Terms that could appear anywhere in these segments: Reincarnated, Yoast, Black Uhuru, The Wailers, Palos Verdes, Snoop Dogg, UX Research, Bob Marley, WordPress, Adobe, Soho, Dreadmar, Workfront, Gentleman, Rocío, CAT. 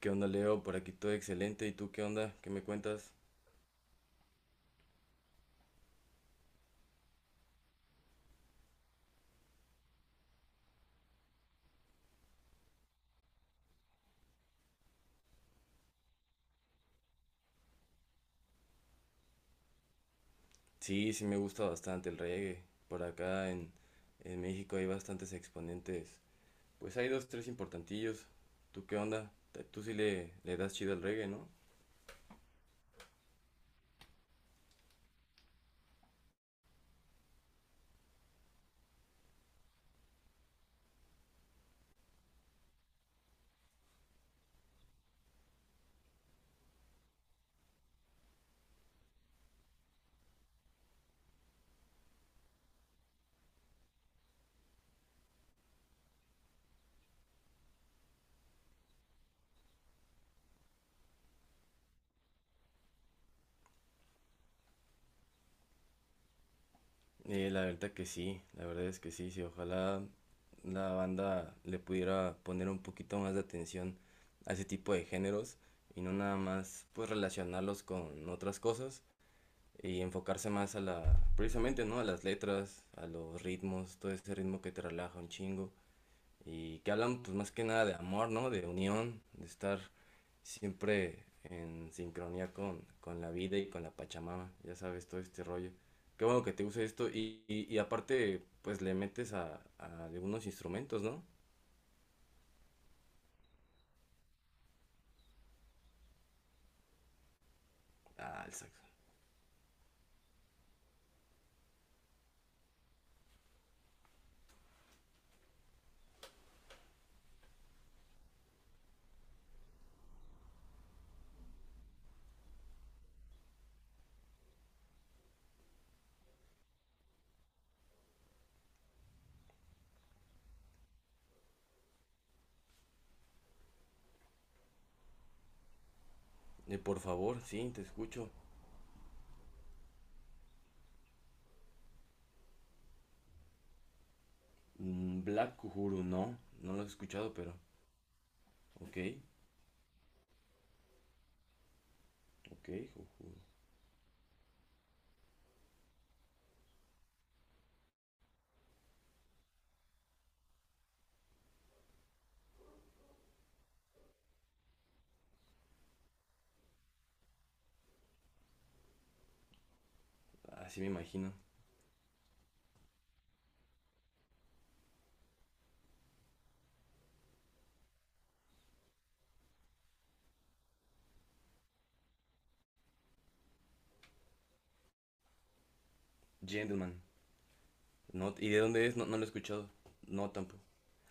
¿Qué onda, Leo? Por aquí todo excelente. ¿Y tú qué onda? ¿Qué me cuentas? Sí, sí me gusta bastante el reggae. Por acá en México hay bastantes exponentes. Pues hay dos, tres importantillos. ¿Tú qué onda? Tú sí le das chido al reggae, ¿no? La verdad que sí, la verdad es que sí, sí. Ojalá la banda le pudiera poner un poquito más de atención a ese tipo de géneros y no nada más pues relacionarlos con otras cosas y enfocarse más a la, precisamente, ¿no? A las letras, a los ritmos, todo ese ritmo que te relaja un chingo y que hablan pues más que nada de amor, ¿no? De unión, de estar siempre en sincronía con la vida y con la Pachamama, ya sabes, todo este rollo. Qué bueno que te guste esto y aparte pues le metes a algunos instrumentos, ¿no? Al sax. Por favor, sí, te escucho. Mm, Black Uhuru, no, no lo he escuchado, pero ok, ok, Uhuru. Así me imagino. Gentleman. No, ¿y de dónde es? No, no lo he escuchado. No, tampoco.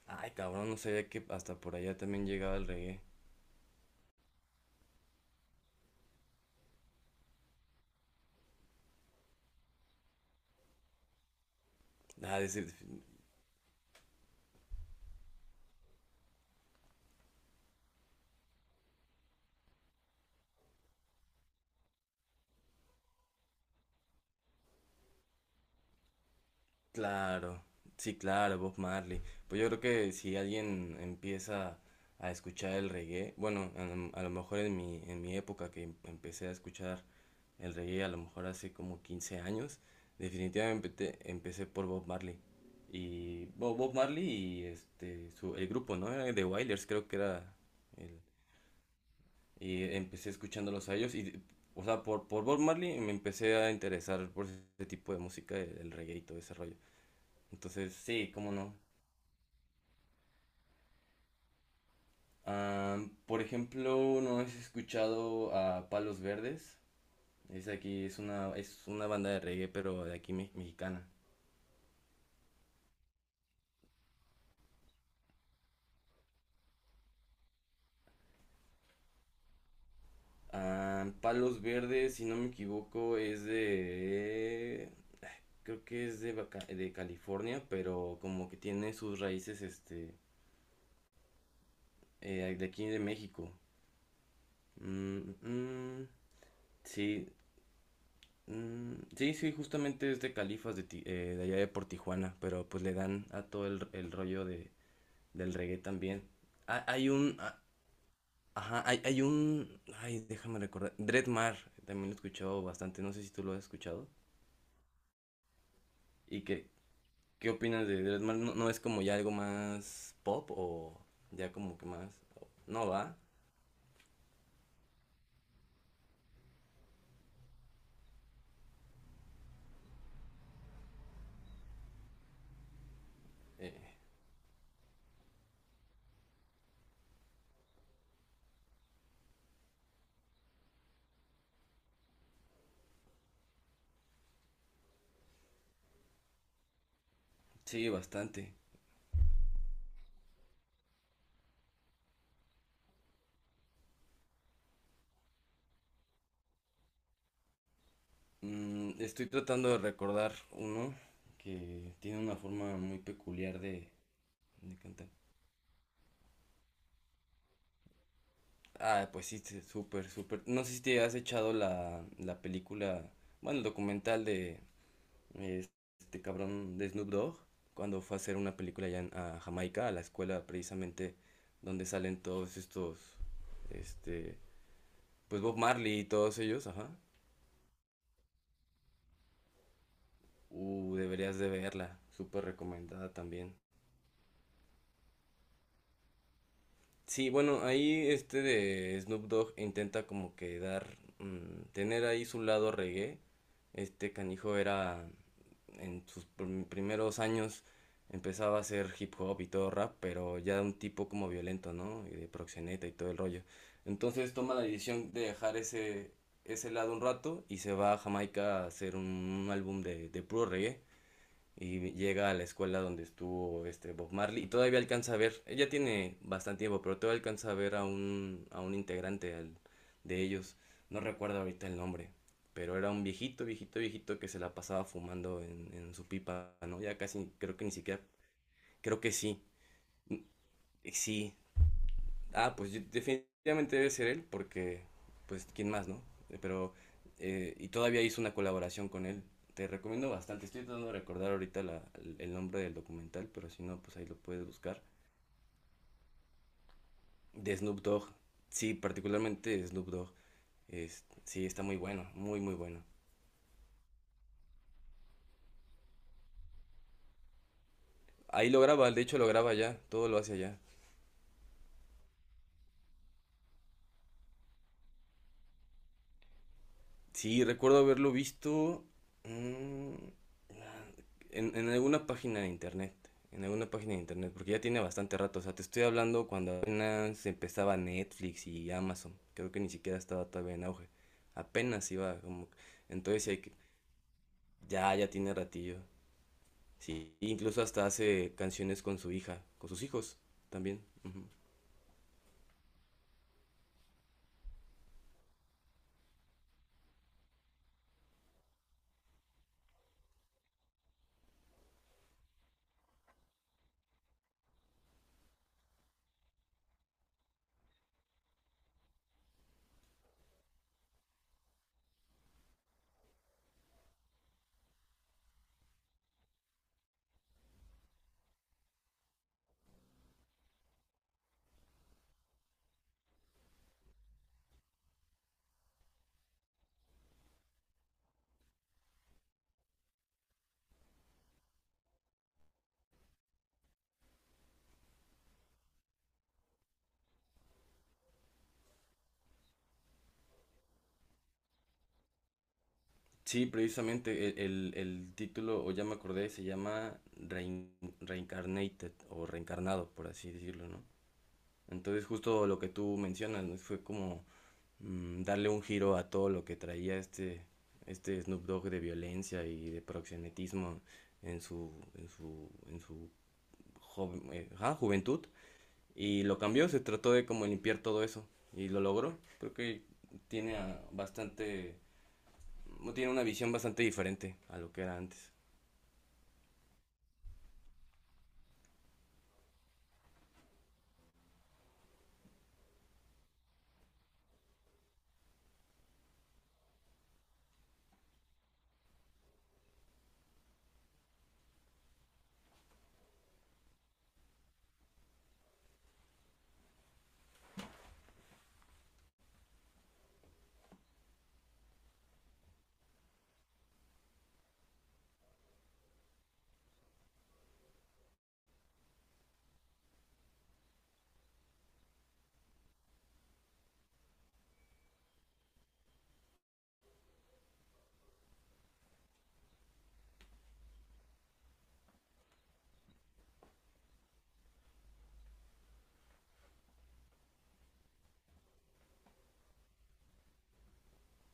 Ay, cabrón, no sabía que hasta por allá también llegaba el reggae. Ah, de ser- Claro, sí, claro, Bob Marley. Pues yo creo que si alguien empieza a escuchar el reggae, bueno, a lo mejor en en mi época que empecé a escuchar el reggae, a lo mejor hace como 15 años, definitivamente empecé por Bob Marley. Y Bob Marley y este, su, el grupo, ¿no? Era The Wailers, creo que era el- y empecé escuchándolos a ellos y, o sea, por Bob Marley me empecé a interesar por ese tipo de música, el reggae y todo ese rollo. Entonces, sí, cómo no. Por ejemplo, ¿no has escuchado a Palos Verdes? Es aquí, es una banda de reggae, pero de aquí mexicana. Palos Verdes, si no me equivoco, es de... Creo que es de, de California, pero como que tiene sus raíces, este, de aquí de México. Mm, mm, sí, mm, sí, sí, justamente es de Califas de, de allá de por Tijuana, pero pues le dan a todo el rollo de, del reggae también. Ah, hay un, ah, ajá, hay un, ay, déjame recordar, Dreadmar, también lo he escuchado bastante, no sé si tú lo has escuchado. ¿Y qué, qué opinas de Dreadmar? ¿No, no es como ya algo más pop o ya como que más, no va? Eh, sí, bastante. Mm, estoy tratando de recordar uno que tiene una forma muy peculiar de cantar. Ah, pues sí, sí, súper, súper. No sé si te has echado la película, bueno, el documental de eh, este cabrón de Snoop Dogg, cuando fue a hacer una película a Jamaica, a la escuela precisamente donde salen todos estos, este, pues Bob Marley y todos ellos, ajá. Deberías de verla, súper recomendada también. Sí, bueno, ahí este de Snoop Dogg intenta como que dar, mm, tener ahí su lado reggae. Este canijo era en sus primeros años empezaba a hacer hip hop y todo rap, pero ya un tipo como violento, ¿no? Y de proxeneta y todo el rollo. Entonces toma la decisión de dejar ese lado un rato y se va a Jamaica a hacer un álbum de puro reggae y llega a la escuela donde estuvo este Bob Marley y todavía alcanza a ver, ella tiene bastante tiempo, pero todavía alcanza a ver a un integrante de ellos, no recuerdo ahorita el nombre, pero era un viejito, viejito, viejito que se la pasaba fumando en su pipa, ¿no? Ya casi, creo que ni siquiera, creo que sí, mm, sí, ah, definitivamente debe ser él, porque, pues, ¿quién más, no? Pero, y todavía hizo una colaboración con él. Te recomiendo bastante. Estoy tratando de recordar ahorita el nombre del documental, pero si no, pues ahí lo puedes buscar. De Snoop Dogg. Sí, particularmente Snoop Dogg. Es, sí, está muy bueno, muy, muy bueno. Ahí lo graba, de hecho lo graba allá, todo lo hace allá. Sí, recuerdo haberlo visto. Mm, en alguna página de internet, en alguna página de internet, porque ya tiene bastante rato, o sea, te estoy hablando cuando apenas empezaba Netflix y Amazon, creo que ni siquiera estaba todavía en auge, apenas iba como, entonces sí hay que, ya, ya tiene ratillo, sí, incluso hasta hace canciones con su hija, con sus hijos también. Ujú. Sí, precisamente el título, o ya me acordé, se llama Reincarnated o Reencarnado, por así decirlo, ¿no? Entonces justo lo que tú mencionas, ¿no? Fue como mm, darle un giro a todo lo que traía este, este Snoop Dogg de violencia y de proxenetismo en su juventud. Y lo cambió, se trató de como limpiar todo eso. Y lo logró. Creo que bastante, no tiene una visión bastante diferente a lo que era antes.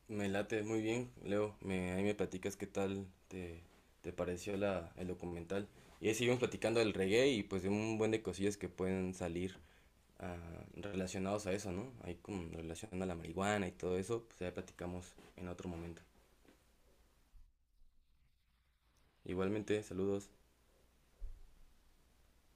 Me late muy bien, Leo. Ahí me platicas qué tal te pareció el documental. Y ahí seguimos platicando del reggae y pues de un buen de cosillas que pueden salir ah, relacionados a eso, ¿no? Ahí como relación a la marihuana y todo eso, pues ya platicamos en otro momento. Igualmente, saludos.